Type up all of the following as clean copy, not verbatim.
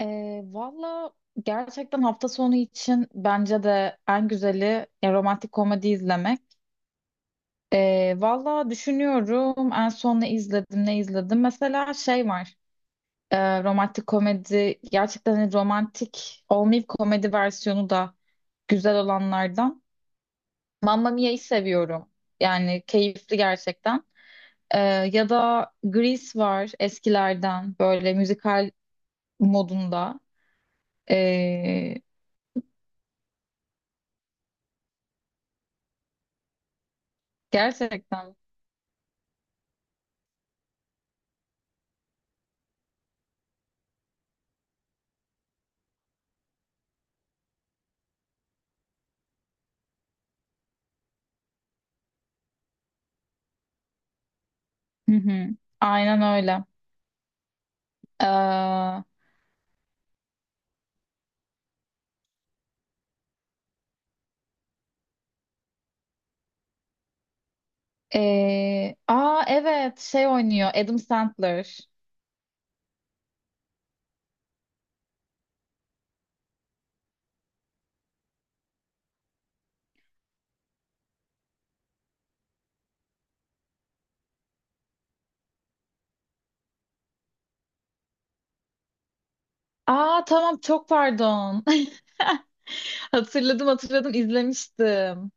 Valla gerçekten hafta sonu için bence de en güzeli romantik komedi izlemek. Valla düşünüyorum en son ne izledim ne izledim. Mesela şey var, romantik komedi gerçekten, hani romantik olmayıp komedi versiyonu da güzel olanlardan. Mamma Mia'yı seviyorum. Yani keyifli gerçekten. Ee, Ya da Grease var eskilerden, böyle müzikal modunda. Ee, Gerçekten. Hı hı. Aynen öyle. Ee, Aa, evet, şey oynuyor Adam Sandler. Aa, tamam, çok pardon. Hatırladım, hatırladım, izlemiştim.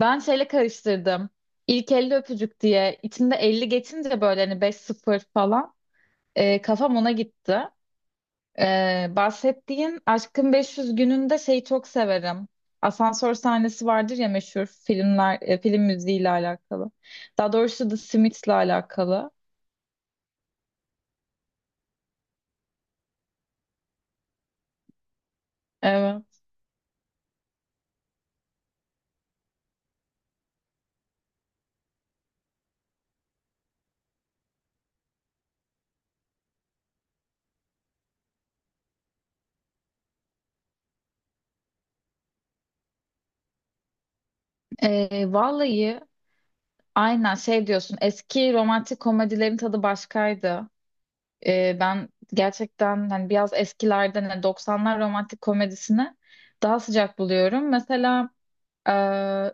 Ben şeyle karıştırdım. İlk 50 öpücük diye. İçinde 50 geçince böyle hani 5-0 falan. Kafam ona gitti. Bahsettiğin Aşkın 500 gününde şeyi çok severim. Asansör sahnesi vardır ya meşhur filmler, film müziğiyle alakalı. Daha doğrusu The Smiths'le alakalı. Evet. Vallahi aynen şey diyorsun. Eski romantik komedilerin tadı başkaydı. Ben gerçekten hani biraz eskilerden, hani 90'lar romantik komedisini daha sıcak buluyorum. Mesela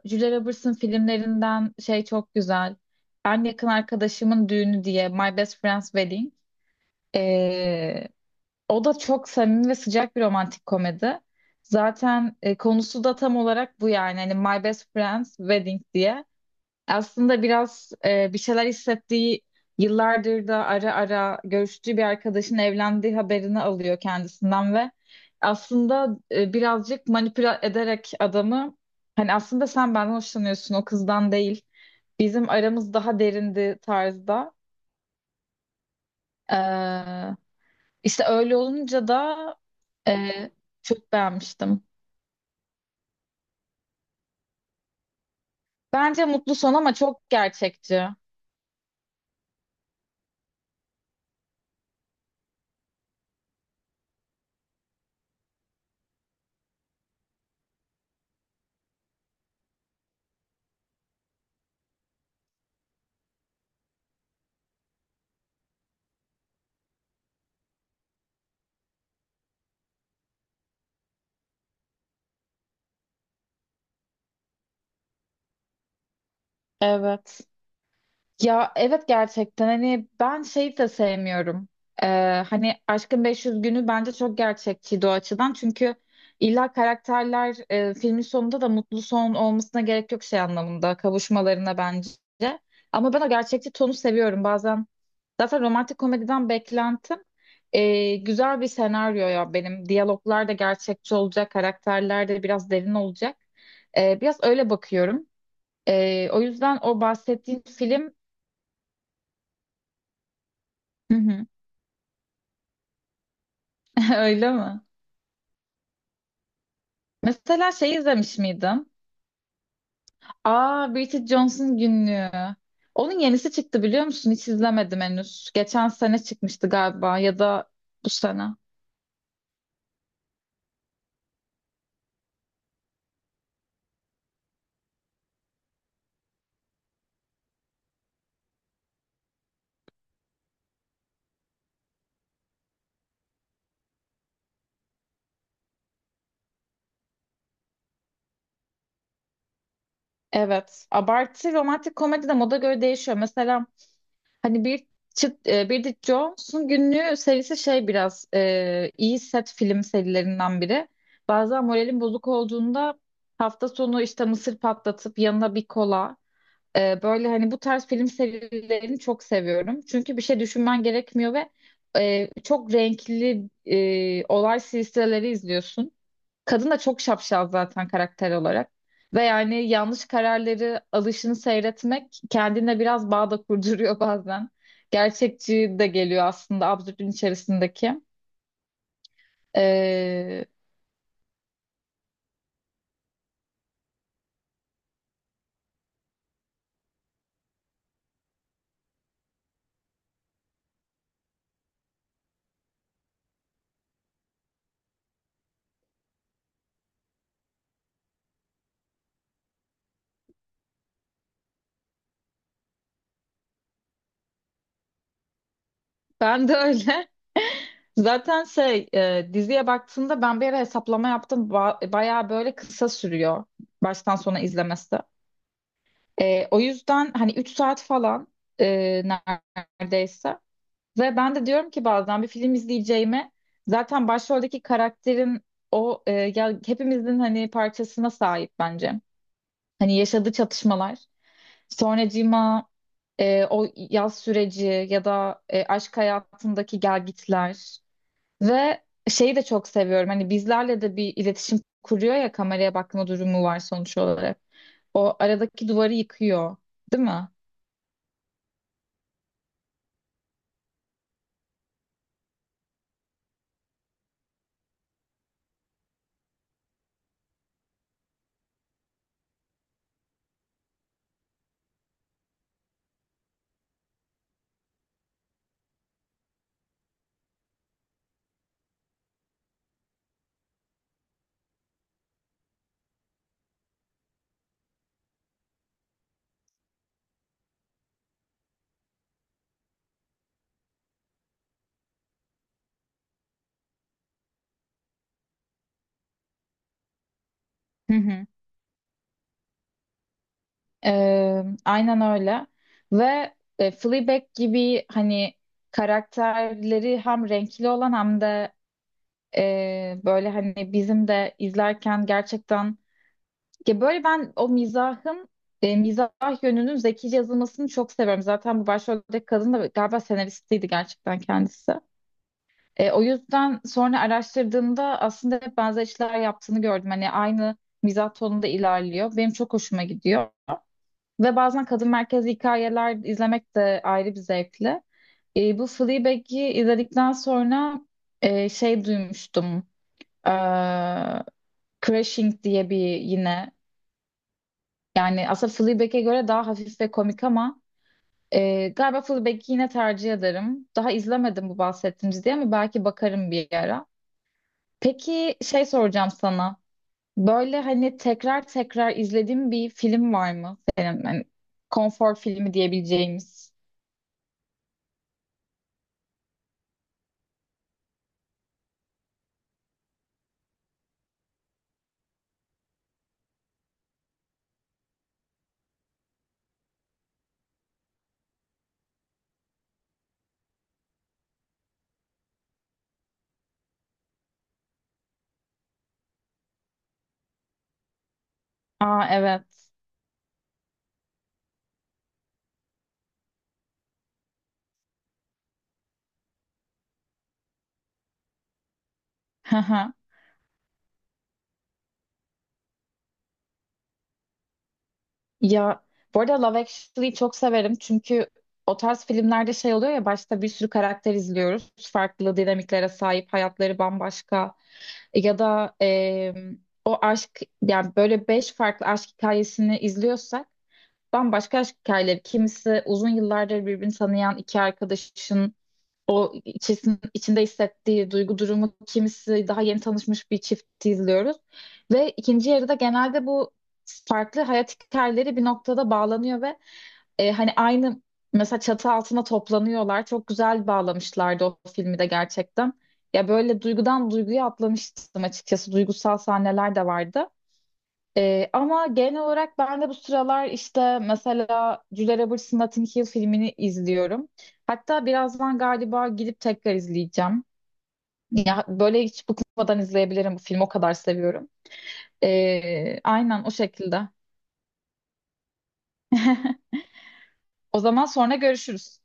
Julia Roberts'ın filmlerinden şey çok güzel. Ben yakın arkadaşımın düğünü diye My Best Friend's Wedding. Ee, O da çok samimi ve sıcak bir romantik komedi. Zaten konusu da tam olarak bu yani. Hani My Best Friend's Wedding diye. Aslında biraz bir şeyler hissettiği, yıllardır da ara ara görüştüğü bir arkadaşın evlendiği haberini alıyor kendisinden ve aslında birazcık manipüle ederek adamı, hani aslında sen benden hoşlanıyorsun, o kızdan değil. Bizim aramız daha derindi tarzda. Ee, işte öyle olunca da e, çok beğenmiştim. Bence mutlu son ama çok gerçekçi. Evet. Ya evet, gerçekten hani ben şeyi de sevmiyorum. Ee, Hani Aşkın 500 günü bence çok gerçekçiydi o açıdan. Çünkü illa karakterler, filmin sonunda da mutlu son olmasına gerek yok şey anlamında, kavuşmalarına bence. Ama ben o gerçekçi tonu seviyorum bazen. Zaten romantik komediden beklentim güzel bir senaryo ya benim. Diyaloglar da gerçekçi olacak, karakterler de biraz derin olacak. Biraz öyle bakıyorum. O yüzden o bahsettiğim film. Hı hı. Öyle mi? Mesela şey, izlemiş miydim? Aa, Bridget Jones'un Günlüğü. Onun yenisi çıktı biliyor musun? Hiç izlemedim henüz. Geçen sene çıkmıştı galiba, ya da bu sene. Evet. Abartı romantik komedi de moda göre değişiyor. Mesela hani bir Bridget Jones'un Günlüğü serisi şey biraz iyi set film serilerinden biri. Bazen moralim bozuk olduğunda hafta sonu işte mısır patlatıp yanına bir kola. Böyle hani bu tarz film serilerini çok seviyorum. Çünkü bir şey düşünmen gerekmiyor ve çok renkli olay silsileleri izliyorsun. Kadın da çok şapşal zaten karakter olarak. Ve yani yanlış kararları alışını seyretmek kendine biraz bağ da kurduruyor bazen. Gerçekçi de geliyor aslında, absürdün içerisindeki. Ee, Ben de öyle. Zaten şey, diziye baktığımda ben bir ara hesaplama yaptım. Bayağı böyle kısa sürüyor baştan sona izlemesi. O yüzden hani 3 saat falan e, neredeyse. Ve ben de diyorum ki bazen bir film izleyeceğime, zaten başroldeki karakterin o, ya hepimizin hani parçasına sahip bence. Hani yaşadığı çatışmalar, sonracığıma o yaz süreci, ya da aşk hayatındaki gelgitler. Ve şeyi de çok seviyorum. Hani bizlerle de bir iletişim kuruyor ya, kameraya bakma durumu var sonuç olarak. O aradaki duvarı yıkıyor, değil mi? Hı hı. Aynen öyle. Ve Fleabag gibi hani karakterleri hem renkli olan, hem de böyle hani bizim de izlerken gerçekten, ya böyle ben o mizahın, mizah yönünün zekice yazılmasını çok seviyorum. Zaten bu başroldeki kadın da galiba senaristiydi gerçekten kendisi. O yüzden sonra araştırdığımda aslında hep benzer işler yaptığını gördüm. Hani aynı mizah tonunda ilerliyor. Benim çok hoşuma gidiyor. Ve bazen kadın merkezli hikayeler izlemek de ayrı bir zevkli. Bu Fleabag'i izledikten sonra şey duymuştum. E, Crashing diye bir yine. Yani aslında Fleabag'e göre daha hafif ve komik ama galiba Fleabag'i yine tercih ederim. Daha izlemedim bu bahsettiğim diye, ama belki bakarım bir ara. Peki şey, soracağım sana. Böyle hani tekrar tekrar izlediğin bir film var mı senin? Hani konfor filmi diyebileceğimiz. Aa, evet. Hı hı. Ya bu arada Love Actually'yi çok severim çünkü o tarz filmlerde şey oluyor ya, başta bir sürü karakter izliyoruz. Farklı dinamiklere sahip, hayatları bambaşka. Ya da o aşk yani, böyle beş farklı aşk hikayesini izliyorsak, bambaşka aşk hikayeleri. Kimisi uzun yıllardır birbirini tanıyan iki arkadaşın o içinde hissettiği duygu durumu, kimisi daha yeni tanışmış bir çifti izliyoruz. Ve ikinci yarıda genelde bu farklı hayat hikayeleri bir noktada bağlanıyor ve hani aynı mesela çatı altına toplanıyorlar. Çok güzel bağlamışlardı o filmi de gerçekten. Ya böyle duygudan duyguya atlamıştım açıkçası. Duygusal sahneler de vardı. Ama genel olarak ben de bu sıralar işte mesela Julia Roberts'ın Notting Hill filmini izliyorum. Hatta birazdan galiba gidip tekrar izleyeceğim. Ya, böyle hiç bıkmadan izleyebilirim bu filmi, o kadar seviyorum. Aynen o şekilde. O zaman sonra görüşürüz.